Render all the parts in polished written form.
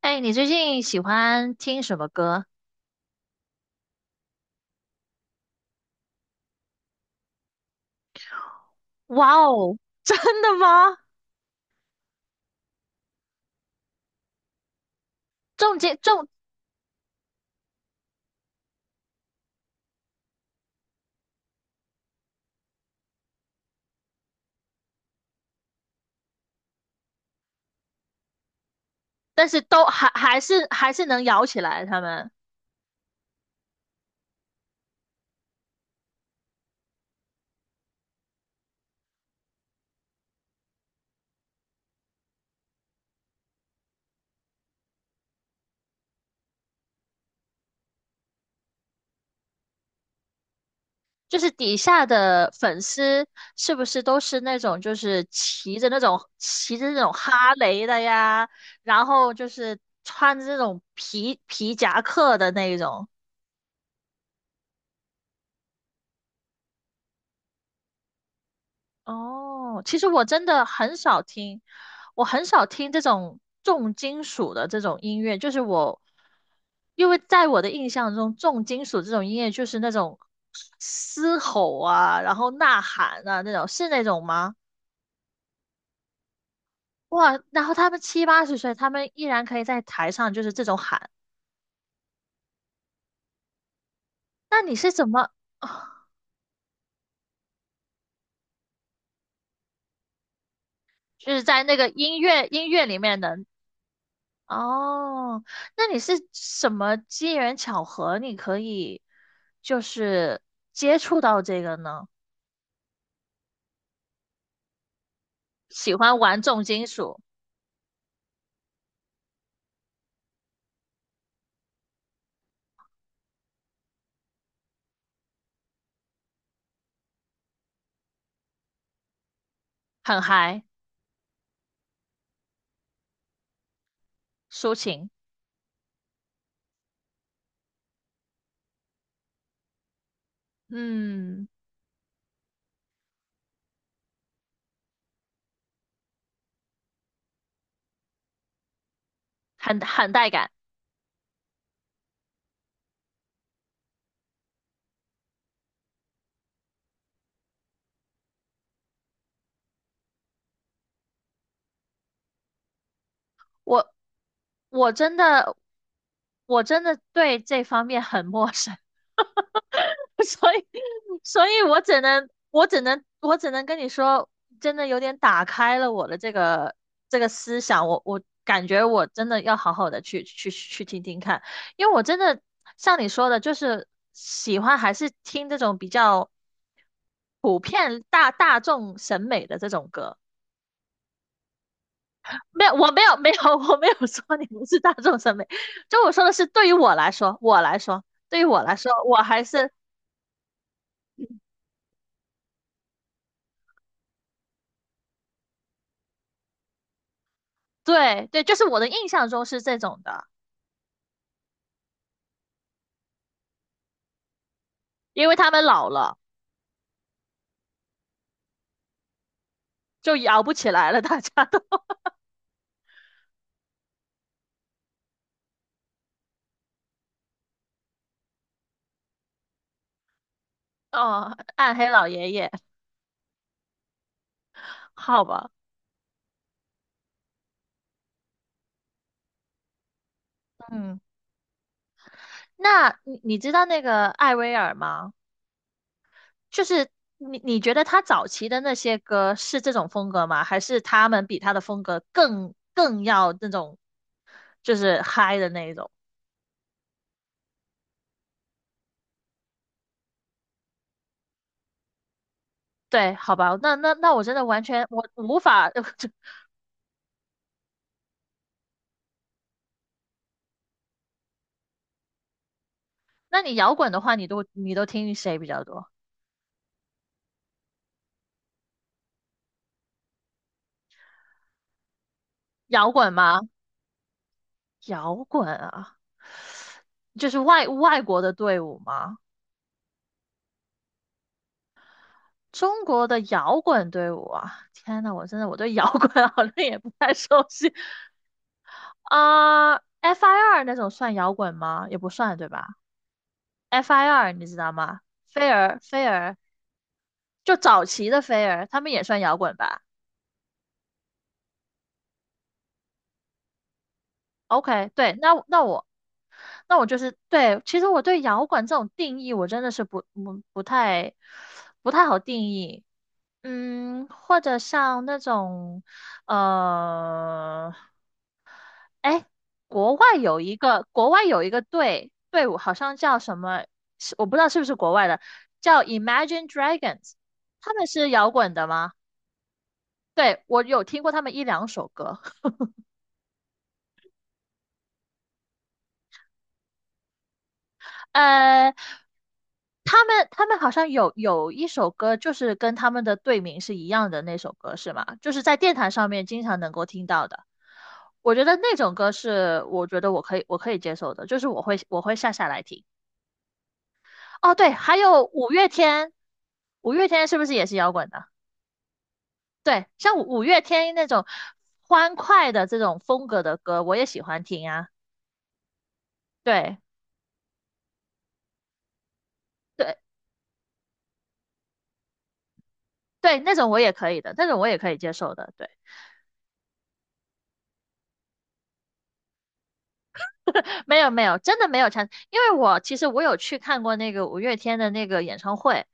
哎，你最近喜欢听什么歌？哇哦，真的吗？重金重，但是都还是能摇起来。他们就是底下的粉丝，是不是都是那种就是骑着那种哈雷的呀，然后就是穿着那种皮夹克的那一种？哦，其实我真的很少听，我很少听这种重金属的这种音乐，就是我，因为在我的印象中，重金属这种音乐就是那种嘶吼啊，然后呐喊啊那种，是那种吗？哇，然后他们七八十岁，他们依然可以在台上就是这种喊，那你是怎么，就是在那个音乐里面能？哦，那你是什么机缘巧合，你可以就是接触到这个呢？喜欢玩重金属，很嗨，抒情，嗯，很带感。我我真的我真的对这方面很陌生。所以，所以我只能跟你说，真的有点打开了我的这个思想。我感觉我真的要好好的去听听看，因为我真的像你说的，就是喜欢还是听这种比较普遍大众审美的这种歌。没有，我没有，没有，我没有说你不是大众审美，就我说的是对于我来说，我来说，对于我来说，我还是。对对，就是我的印象中是这种的，因为他们老了，就摇不起来了，大家都，哦，暗黑老爷爷，好吧，嗯，那你知道那个艾薇儿吗？就是你觉得他早期的那些歌是这种风格吗？还是他们比他的风格更要那种，就是嗨的那一种？对，好吧，那我真的完全我无法，那你摇滚的话，你都听谁比较多？摇滚吗？摇滚啊，就是外国的队伍吗？中国的摇滚队伍啊，天呐，我真的我对摇滚 好像也不太熟悉啊。FIR 那种算摇滚吗？也不算，对吧？FIR 你知道吗？飞儿，飞儿，就早期的飞儿，他们也算摇滚吧？OK，对，那我就是对，其实我对摇滚这种定义，我真的是不太好定义。嗯，或者像那种呃，哎，国外有一个队伍，好像叫什么，是我不知道是不是国外的，叫 Imagine Dragons，他们是摇滚的吗？对，我有听过他们一两首歌。呃，他们好像有一首歌，就是跟他们的队名是一样的那首歌，是吗？就是在电台上面经常能够听到的。我觉得那种歌是我觉得我可以接受的，就是我会下来听。哦，对，还有五月天，五月天是不是也是摇滚的？对，像五月天那种欢快的这种风格的歌，我也喜欢听啊。对对对，那种我也可以的，那种我也可以接受的。对。没有没有，真的没有唱，因为其实我有去看过那个五月天的那个演唱会，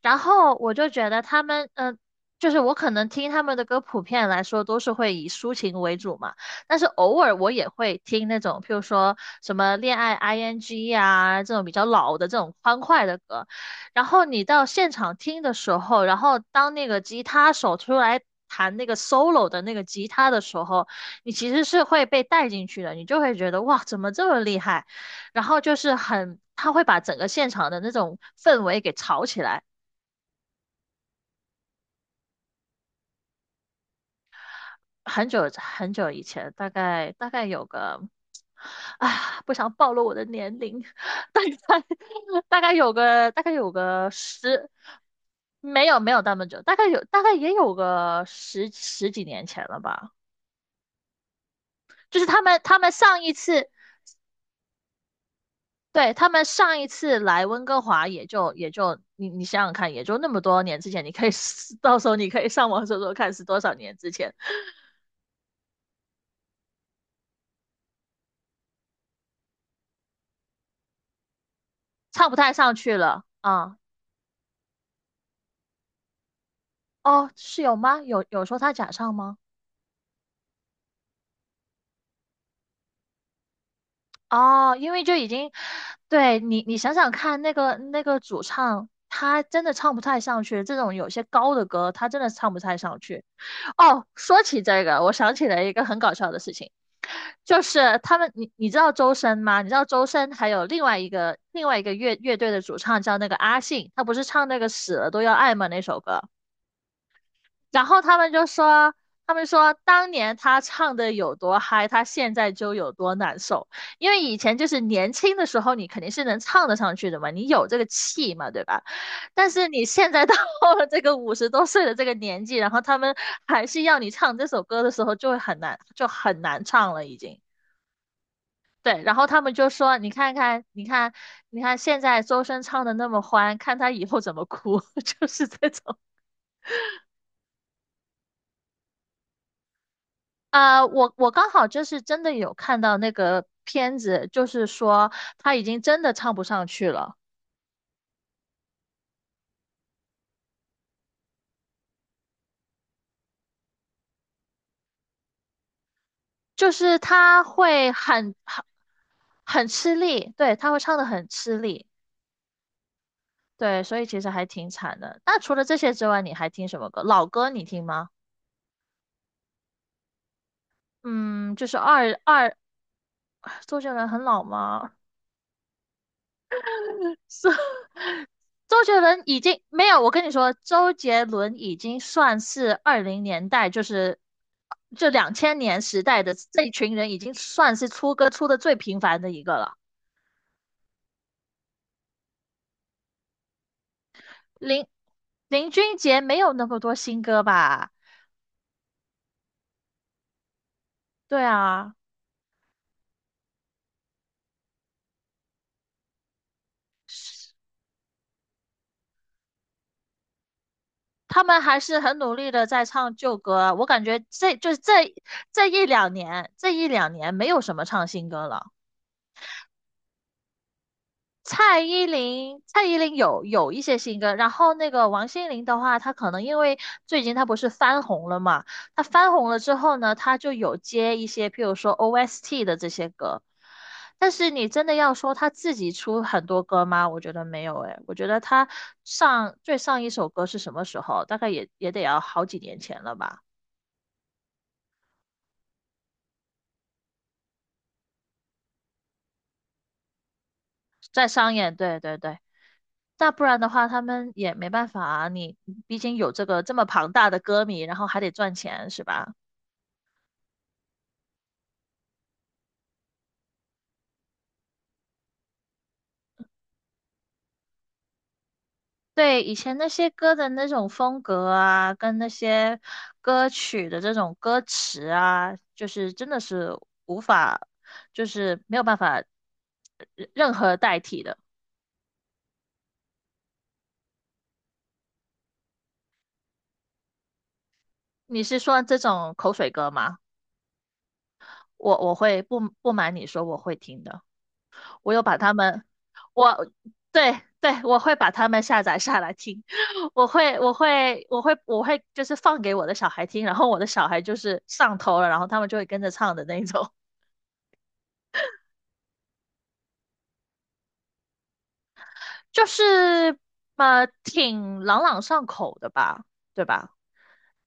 然后我就觉得他们，就是我可能听他们的歌，普遍来说都是会以抒情为主嘛，但是偶尔我也会听那种，譬如说什么恋爱 ing 啊这种比较老的这种欢快的歌，然后你到现场听的时候，然后当那个吉他手出来弹那个 solo 的那个吉他的时候。你其实是会被带进去的，你就会觉得哇，怎么这么厉害？然后就是很，他会把整个现场的那种氛围给炒起来。很久很久以前，大概有个，啊，不想暴露我的年龄，大概 大概有个大概有个十，没有没有那么久，大概也有个十几年前了吧。就是他们上一次对，他们上一次来温哥华也就你想想看，也就那么多年之前，你可以 到时候你可以上网搜搜看是多少年之前，唱不太上去了啊、哦，是有吗？有说他假唱吗？哦，因为就已经，对你想想看，那个主唱他真的唱不太上去，这种有些高的歌他真的唱不太上去。哦，说起这个，我想起来一个很搞笑的事情。就是他们，你知道周深吗？你知道周深还有另外一个乐队的主唱叫那个阿信，他不是唱那个死了都要爱吗那首歌？然后他们就说，他们说当年他唱的有多嗨，他现在就有多难受。因为以前就是年轻的时候，你肯定是能唱得上去的嘛，你有这个气嘛，对吧？但是你现在到了这个五十多岁的这个年纪，然后他们还是要你唱这首歌的时候，就会很难，就很难唱了已经。对，然后他们就说："你看看，你看，你看，现在周深唱的那么欢，看他以后怎么哭。" 就是这种啊、我刚好就是真的有看到那个片子，就是说他已经真的唱不上去了，就是他会很吃力，对，他会唱的很吃力，对，所以其实还挺惨的。那除了这些之外，你还听什么歌？老歌你听吗？嗯，就是二二，周杰伦很老吗？是周杰伦已经没有，我跟你说，周杰伦已经算是二零年代，就两千年时代的这一群人，已经算是出歌出的最频繁的一个了。林林俊杰没有那么多新歌吧？对啊，他们还是很努力的在唱旧歌啊。我感觉这就是这一两年没有什么唱新歌了。蔡依林有一些新歌，然后那个王心凌的话，她可能因为最近她不是翻红了嘛，她翻红了之后呢，她就有接一些，譬如说 OST 的这些歌，但是你真的要说她自己出很多歌吗？我觉得没有诶，我觉得她最上一首歌是什么时候？大概也得要好几年前了吧，在商演，对对对。那不然的话，他们也没办法啊。你毕竟有这个这么庞大的歌迷，然后还得赚钱，是吧？对，以前那些歌的那种风格啊，跟那些歌曲的这种歌词啊，就是真的是无法，就是没有办法任何代替的。你是说这种口水歌吗？我我会不不瞒你说，我会听的。我有把他们，我对对，我会把他们下载下来听。我会就是放给我的小孩听，然后我的小孩就是上头了，然后他们就会跟着唱的那种。就是挺朗朗上口的吧，对吧？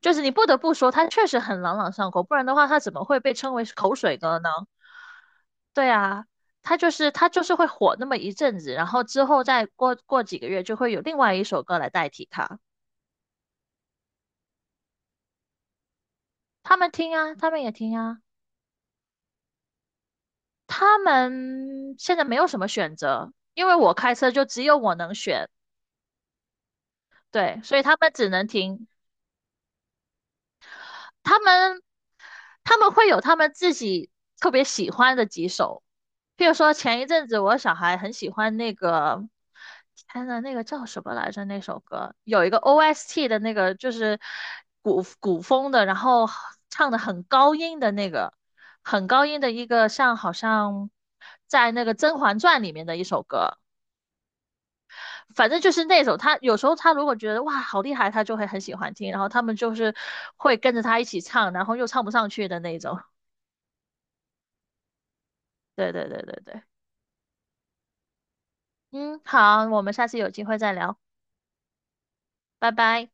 就是你不得不说，它确实很朗朗上口，不然的话，它怎么会被称为是口水歌呢？对啊，它就是会火那么一阵子，然后之后再过几个月，就会有另外一首歌来代替它。他们听啊，他们也听啊，他们现在没有什么选择，因为我开车就只有我能选，对，所以他们只能听。他们他们会有他们自己特别喜欢的几首，譬如说前一阵子我小孩很喜欢那个，天呐，那个叫什么来着？那首歌有一个 OST 的那个，就是古风的，然后唱的很高音的那个，很高音的一个，好像在那个《甄嬛传》里面的一首歌。反正就是那种，他有时候他如果觉得哇好厉害，他就会很喜欢听，然后他们就是会跟着他一起唱，然后又唱不上去的那种。对对对对对，嗯，好，我们下次有机会再聊，拜拜。